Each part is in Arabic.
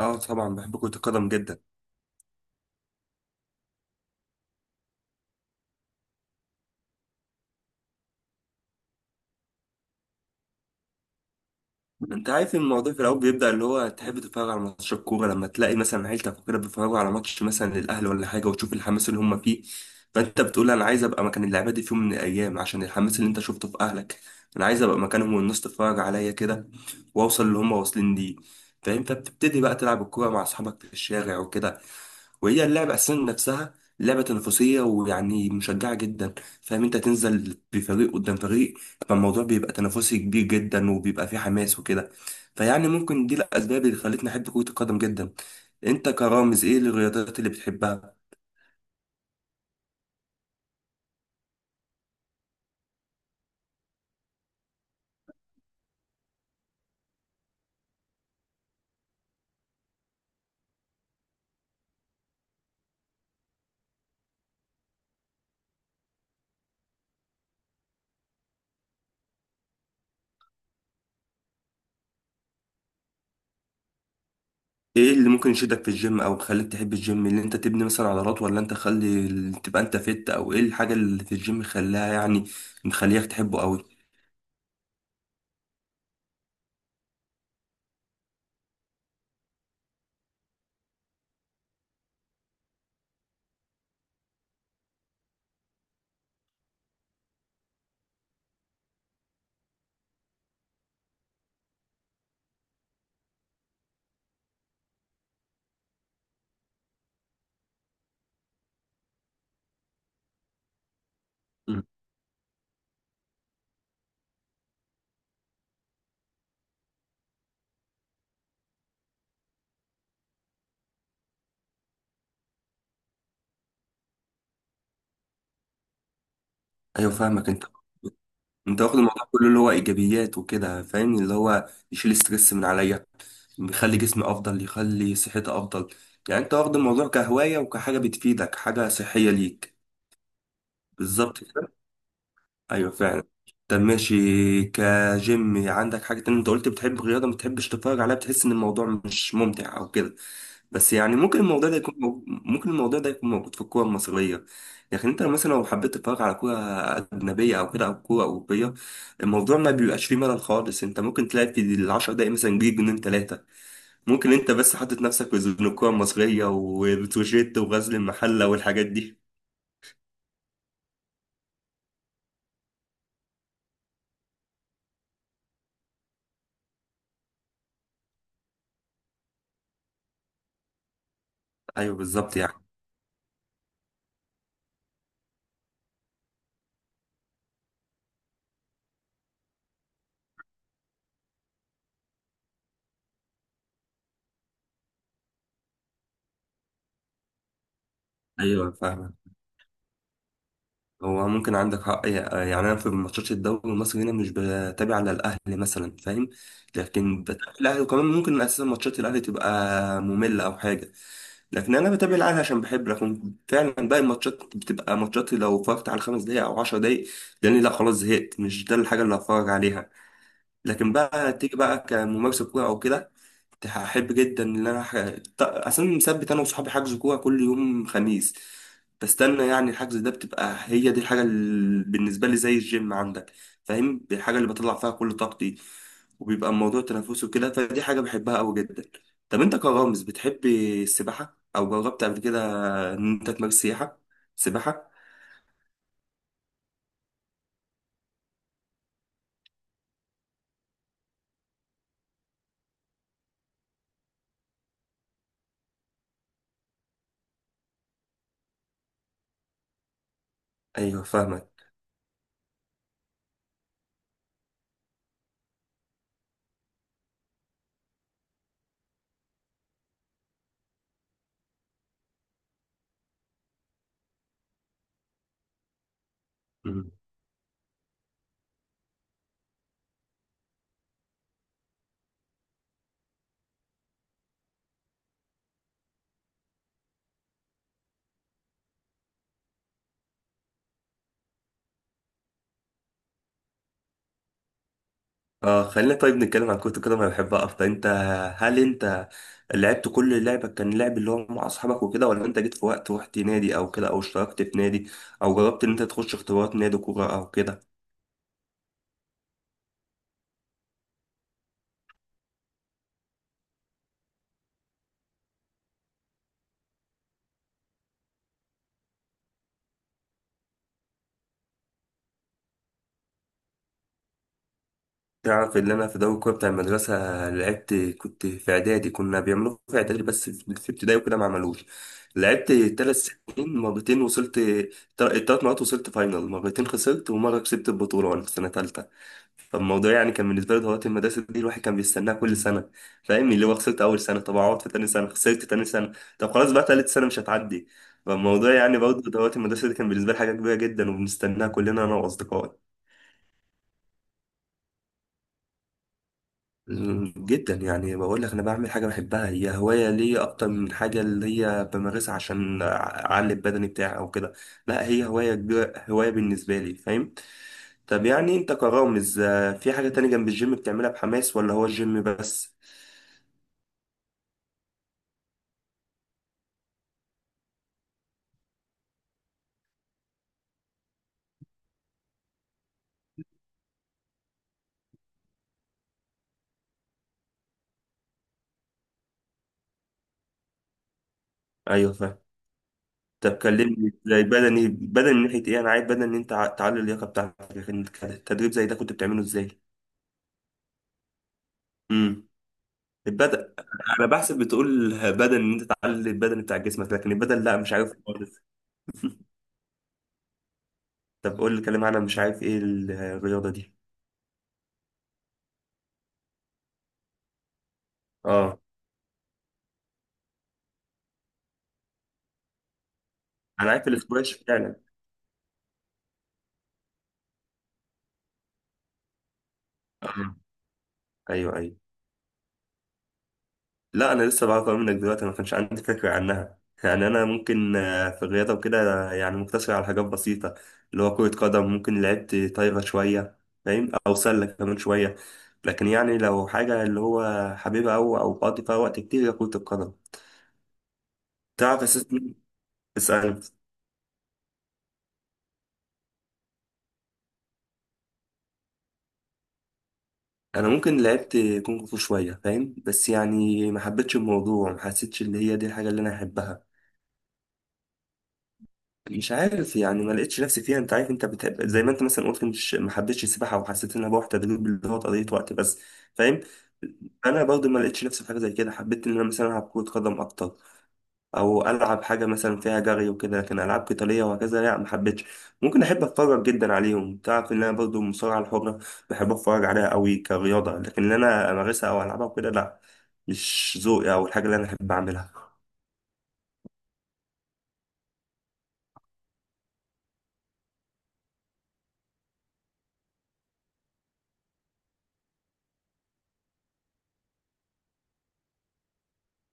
اه، طبعا بحب كرة القدم جدا. انت عارف ان الموضوع في الاول بيبدأ، اللي هو تحب تتفرج على ماتش الكورة لما تلاقي مثلا عيلتك وكده بيتفرجوا على ماتش مثلا للاهلي ولا حاجة، وتشوف الحماس اللي هم فيه. فانت بتقول انا عايز ابقى مكان اللعيبة دي في يوم من الايام عشان الحماس اللي انت شفته في اهلك. انا عايز ابقى مكانهم والناس تتفرج عليا كده، واوصل اللي هم واصلين ليه. فانت بتبتدي بقى تلعب الكورة مع اصحابك في الشارع وكده، وهي اللعبة أساسا نفسها لعبة تنافسية، ويعني مشجعة جدا. فاهم؟ أنت تنزل بفريق قدام فريق، فالموضوع بيبقى تنافسي كبير جدا وبيبقى فيه حماس وكده. فيعني ممكن دي الأسباب اللي خلتني أحب كرة القدم جدا. أنت كرامز، إيه الرياضات اللي بتحبها؟ إيه اللي ممكن يشدك في الجيم أو يخليك تحب الجيم؟ اللي أنت تبني مثلا عضلات، ولا أنت خلي تبقى أنت فت، أو إيه الحاجة اللي في الجيم خلاها يعني مخليك تحبه أوي؟ مم. أيوه، فاهمك أنت. انت واخد الموضوع كله اللي هو ايجابيات وكده، فاهم؟ اللي هو يشيل ستريس من عليا، يخلي جسمي افضل، يخلي صحتي افضل. يعني انت واخد الموضوع كهواية وكحاجة بتفيدك، حاجة صحية ليك. بالظبط. ايوه فعلا. طب ماشي، كجيم عندك حاجة تانية. انت قلت بتحب الرياضة ما بتحبش تتفرج عليها، بتحس ان الموضوع مش ممتع او كده. بس يعني ممكن الموضوع ده يكون موجود، ممكن الموضوع ده يكون موجود في الكورة المصرية. لكن انت مثلا لو حبيت تتفرج على كورة أجنبية أو كده، أو كورة أوروبية، الموضوع ما بيبقاش فيه ملل خالص. انت ممكن تلاقي في الـ10 دقايق مثلا جيل جنين 3. ممكن انت بس حاطط نفسك في زون الكورة المصرية وبتروجيت وغزل المحلة والحاجات دي. ايوه بالظبط يعني. ايوه فاهم. هو ممكن عندك حق يعني. انا في ماتشات الدوري المصري هنا مش بتابع على الاهلي مثلا، فاهم؟ لكن بتابع الاهلي، وكمان ممكن اساسا ماتشات الاهلي تبقى ممله او حاجه، لكن انا بتابع الاهلي عشان بحب. لكن فعلا باقي الماتشات بتبقى ماتشات لو اتفرجت على 5 دقايق او 10 دقايق، لاني لا خلاص زهقت، مش ده الحاجه اللي هتفرج عليها. لكن بقى تيجي بقى كممارسه كوره او كده، هحب جدا ان انا اصلا مثبت انا وصحابي حجز كوره كل يوم خميس. بستنى يعني الحجز ده، بتبقى هي دي الحاجه اللي بالنسبه لي زي الجيم عندك، فاهم؟ الحاجه اللي بطلع فيها كل طاقتي، وبيبقى الموضوع تنافسي وكده، فدي حاجه بحبها قوي جدا. طب انت كرامز، بتحب السباحه او جربت قبل كده ان انت تمارس سباحه؟ ايوه فاهمك. اه، خلينا طيب نتكلم عن كرة القدم، انا بحبها اكتر. هل انت لعبت كل لعبة، كان لعب اللي هو مع اصحابك وكده، ولا انت جيت في وقت رحت نادي او كده، او اشتركت في نادي، او جربت ان انت تخش اختبارات نادي كورة او كده؟ تعرف ان انا في دوري الكوره بتاع المدرسه لعبت؟ كنت في اعدادي، كنا بيعملوه في اعدادي بس، في ابتدائي وكده ما عملوش. لعبت 3 سنين، مرتين وصلت. الـ3 مرات وصلت فاينل، مرتين خسرت ومره كسبت البطوله وانا في سنه ثالثه. فالموضوع يعني كان بالنسبه لي دورات المدرسه دي، الواحد كان بيستناها كل سنه، فاهم؟ اللي هو خسرت اول سنه، طب اقعد في تاني سنه، خسرت تاني سنه، طب خلاص بقى تالت سنه مش هتعدي. فالموضوع يعني برضه دورات المدرسه دي كان بالنسبه لي حاجه كبيره جدا، وبنستناها كلنا انا واصدقائي. جدا يعني، بقول لك انا بعمل حاجه بحبها، هي هوايه ليا اكتر من حاجه اللي هي بمارسها عشان اعلي البدني بتاعي او كده. لا، هي هوايه بالنسبه لي، فاهم؟ طب يعني انت كرامز، في حاجه تانية جنب الجيم بتعملها بحماس، ولا هو الجيم بس؟ ايوه فاهم. طب كلمني زي بدني من ناحيه ايه؟ انا عايز بدني ان انت تعلي اللياقه بتاعتك. انت التدريب زي ده كنت بتعمله ازاي؟ امم البدن. انا بحسب بتقول بدن، ان انت تعلي البدن بتاع جسمك، لكن البدن لا، مش عارف. طب قول لي كلمة عن، مش عارف ايه الرياضة دي. اه. انا عارف الاسكواش فعلا. اه، ايوه ايوه. لا، انا لسه بعرف أوي منك دلوقتي، ما كانش عندي فكرة عنها. يعني انا ممكن في الرياضة وكده يعني مقتصر على حاجات بسيطة، اللي هو كرة قدم، ممكن لعبت طايرة شوية، فاهم، او سلة كمان شوية. لكن يعني لو حاجة اللي هو حبيبها او بقضي فيها وقت كتير، هي كرة القدم. تعرف اساسا، اسأل. انا ممكن لعبت كونغ فو شويه، فاهم؟ بس يعني ما حبيتش الموضوع، ما حسيتش ان هي دي الحاجه اللي انا احبها. مش عارف يعني، ما لقيتش نفسي فيها. انت عارف، انت بتحب زي ما انت مثلا قلت، مش ما حبيتش السباحه وحسيت انها بروح تدريب اللي هو قضيه وقت بس، فاهم؟ انا برضو ما لقيتش نفسي في حاجه زي كده. حبيت ان انا مثلا العب كره قدم اكتر، او العب حاجه مثلا فيها جري وكده، لكن العاب قتاليه وهكذا لا، ما حبيتش. ممكن احب اتفرج جدا عليهم، تعرف ان انا برضو المصارعه الحره بحب اتفرج عليها قوي كرياضه، لكن ان انا امارسها او العبها وكده لا، مش ذوقي او الحاجه اللي انا احب اعملها.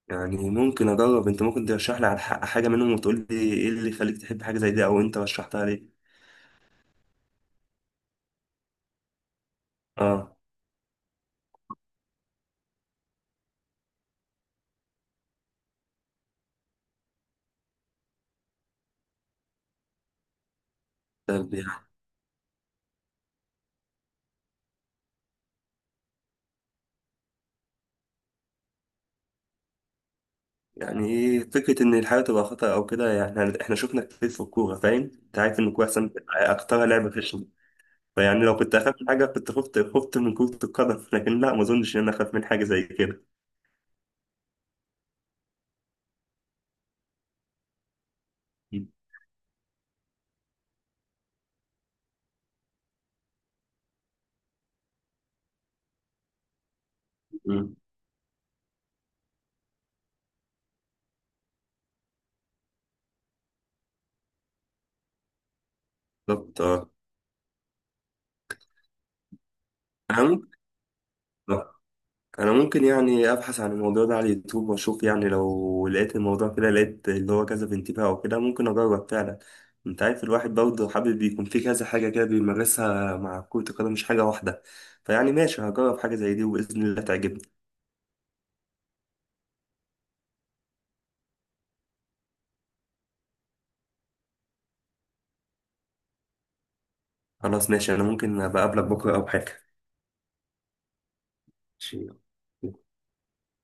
يعني ممكن اجرب. انت ممكن ترشح لي على حاجه منهم، وتقول لي ايه اللي يخليك تحب حاجه زي دي، او انت رشحتها ليه؟ اه. طب يعني، يعني ايه فكرة إن الحياة تبقى خطر أو كده؟ يعني إحنا شفنا كتير في الكورة فاهم؟ أنت عارف إن الكورة أحسن أكترها لعبة في، فيعني لو كنت اخاف من حاجه كنت خفت من كرة القدم، لكن لا، ما اظنش ان انا اخاف من حاجه زي كده. مم. بالظبط اه. انا ممكن آه. انا ممكن يعني ابحث عن الموضوع ده على اليوتيوب واشوف، يعني لو لقيت الموضوع كده لقيت اللي هو كذا بانتباه او كده ممكن اجرب فعلا. انت عارف الواحد برضه حابب يكون في كذا حاجه كده بيمارسها مع كرة القدم، مش حاجه واحده. فيعني ماشي، هجرب حاجه زي دي وباذن الله تعجبني. خلاص ماشي، انا ممكن ابقى اقابلك بكره او حاجه. ماشي.